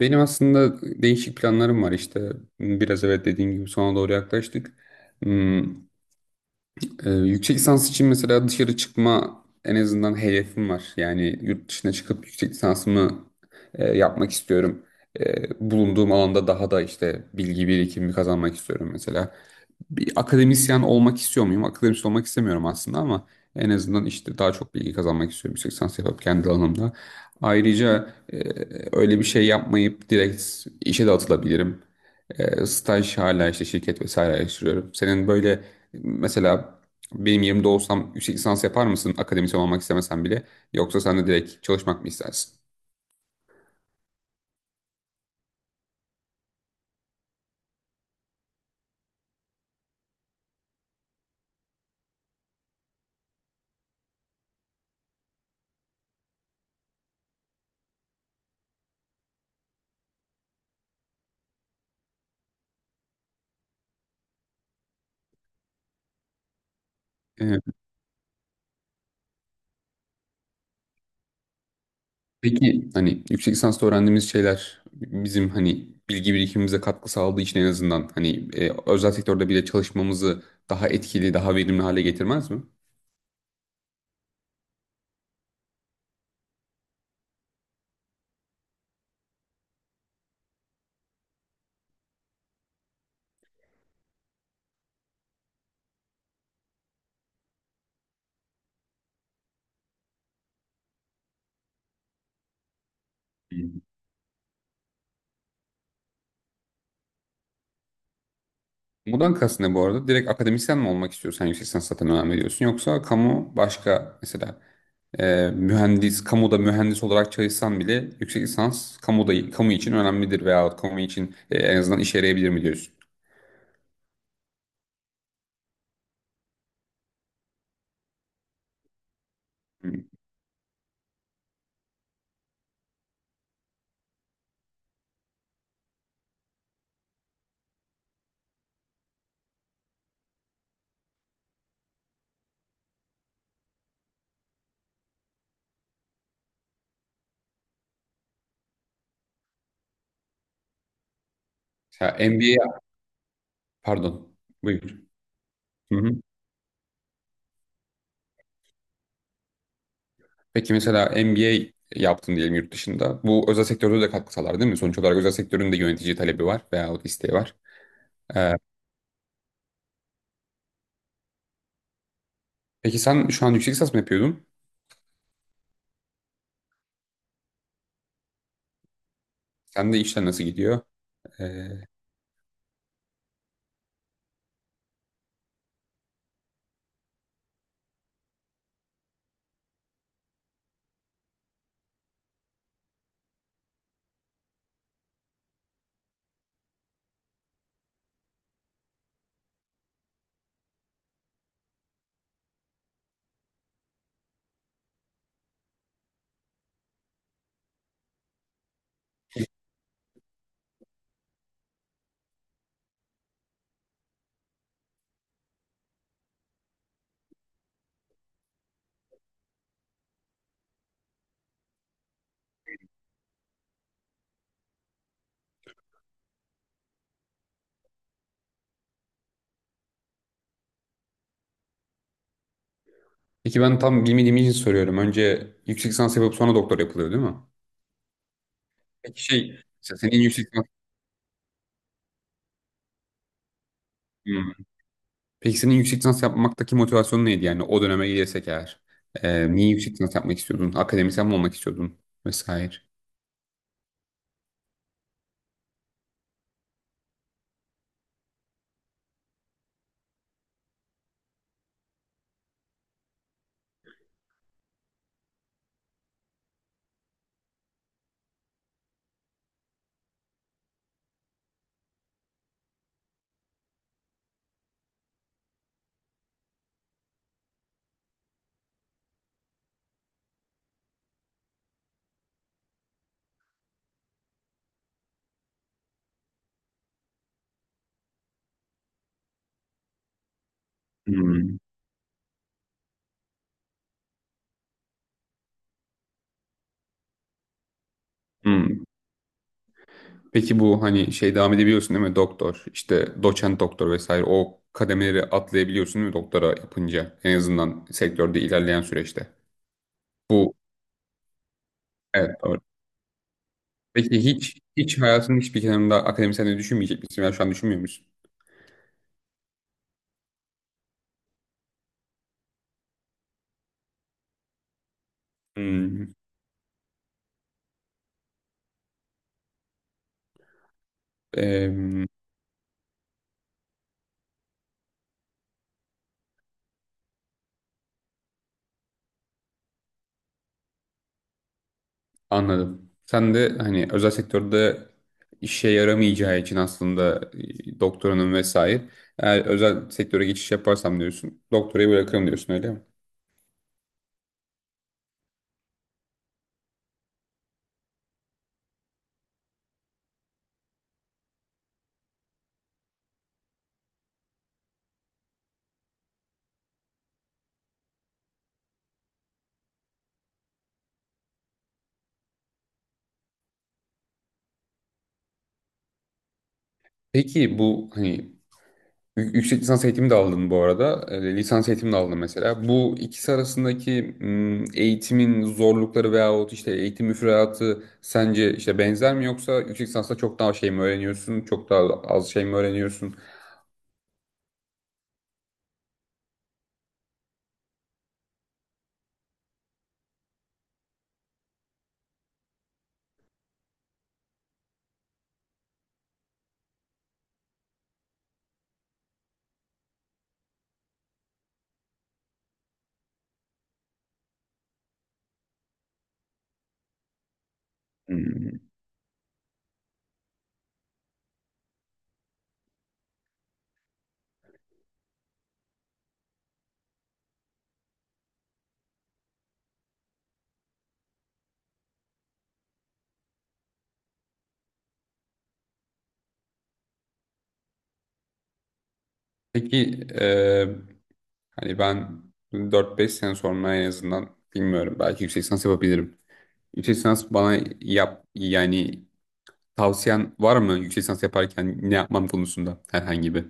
Benim aslında değişik planlarım var işte. Biraz evet dediğim gibi sona doğru yaklaştık. Hmm, yüksek lisans için mesela dışarı çıkma en azından hedefim var. Yani yurt dışına çıkıp yüksek lisansımı yapmak istiyorum. Bulunduğum alanda daha da işte bilgi birikimi kazanmak istiyorum mesela. Bir akademisyen olmak istiyor muyum? Akademisyen olmak istemiyorum aslında ama en azından işte daha çok bilgi kazanmak istiyorum yüksek lisans yapıp kendi alanımda. Ayrıca öyle bir şey yapmayıp direkt işe de atılabilirim. Staj hala işte şirket vesaire araştırıyorum. Senin böyle mesela benim yerimde olsam yüksek lisans yapar mısın akademisyen olmak istemesen bile yoksa sen de direkt çalışmak mı istersin? Peki hani yüksek lisansta öğrendiğimiz şeyler bizim hani bilgi birikimimize katkı sağladığı için en azından hani özel sektörde bile çalışmamızı daha etkili, daha verimli hale getirmez mi? Hı. Bundan kastın ne bu arada? Direkt akademisyen mi olmak istiyorsun? Sen yüksek lisans zaten önem veriyorsun. Yoksa kamu başka mesela mühendis, kamuda mühendis olarak çalışsan bile yüksek lisans kamuda, kamu için önemlidir veya kamu için en azından işe yarayabilir mi diyorsun? Hı. Mesela MBA, pardon. Buyur. Hı hı. Peki mesela MBA yaptın diyelim yurt dışında. Bu özel sektörde de katkı sağlar değil mi? Sonuç olarak özel sektörün de yönetici talebi var veyahut isteği var. Ee, peki sen şu an yüksek lisans mı yapıyordun? Sen de işler nasıl gidiyor? Ee, peki ben tam bilmediğim için soruyorum. Önce yüksek lisans yapıp sonra doktor yapılıyor değil mi? Peki şey mesela senin yüksek lisans, Hmm. Peki senin yüksek lisans yapmaktaki motivasyonun neydi yani o döneme gidersek eğer? Niye yüksek lisans yapmak istiyordun? Akademisyen mi olmak istiyordun? Vesaire. Hmm. Hmm. Peki bu hani şey devam edebiliyorsun değil mi? Doktor, işte doçent doktor vesaire o kademeleri atlayabiliyorsun değil mi doktora yapınca? En azından sektörde ilerleyen süreçte. Bu evet doğru. Peki hiç hayatının hiçbir kenarında akademisyenliği düşünmeyecek misin? Yani şu an düşünmüyor musun? Hmm, em, anladım. Sen de hani özel sektörde işe yaramayacağı için aslında doktoranın vesaire. Eğer özel sektöre geçiş yaparsam diyorsun, doktorayı bırakırım diyorsun öyle mi? Peki bu hani Yüksek lisans eğitimi de aldın bu arada. E, lisans eğitimi de aldın mesela. Bu ikisi arasındaki eğitimin zorlukları veyahut işte eğitim müfredatı sence işte benzer mi yoksa yüksek lisansta çok daha şey mi öğreniyorsun? Çok daha az şey mi öğreniyorsun? Hmm. Peki hani ben 4-5 sene sonra en azından bilmiyorum belki yüksek lisans yapabilirim. Yüksek lisans bana yap yani tavsiyen var mı yüksek lisans yaparken ne yapmam konusunda herhangi bir?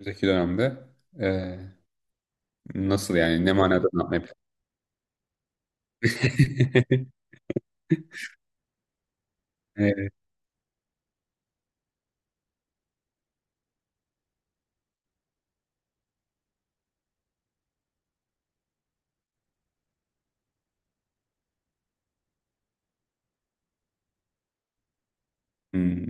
Önümüzdeki dönemde e, nasıl yani ne manada ne yapmayı planlıyorsun? Evet. Hmm,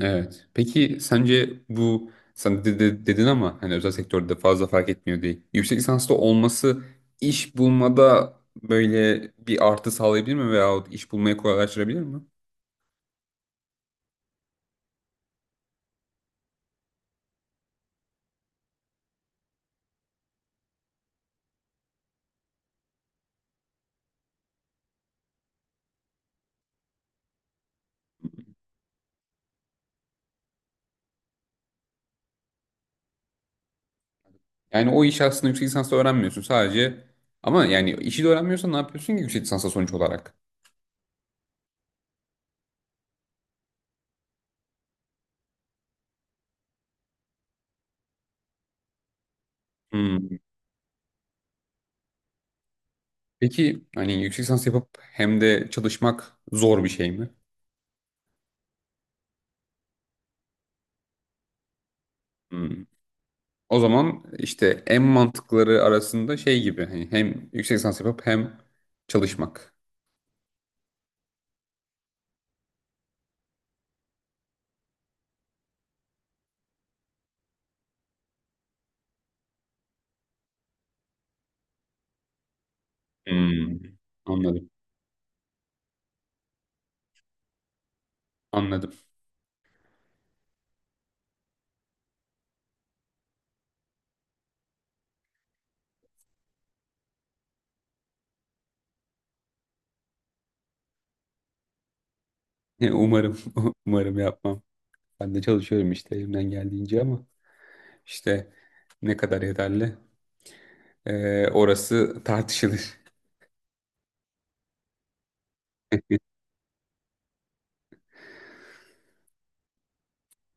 evet. Peki sence bu sen de, dedin ama hani özel sektörde fazla fark etmiyor değil. Yüksek lisanslı olması iş bulmada böyle bir artı sağlayabilir mi veyahut iş bulmayı kolaylaştırabilir mi? Yani o işi aslında yüksek lisansla öğrenmiyorsun sadece ama yani işi de öğrenmiyorsan ne yapıyorsun ki yüksek lisansa sonuç olarak? Hmm. Peki hani yüksek lisans yapıp hem de çalışmak zor bir şey mi? Hmm. O zaman işte en mantıkları arasında şey gibi hani hem yüksek lisans yapıp hem çalışmak. Hmm. Anladım. Anladım. Umarım umarım yapmam. Ben de çalışıyorum işte elimden geldiğince ama işte ne kadar yeterli orası tartışılır.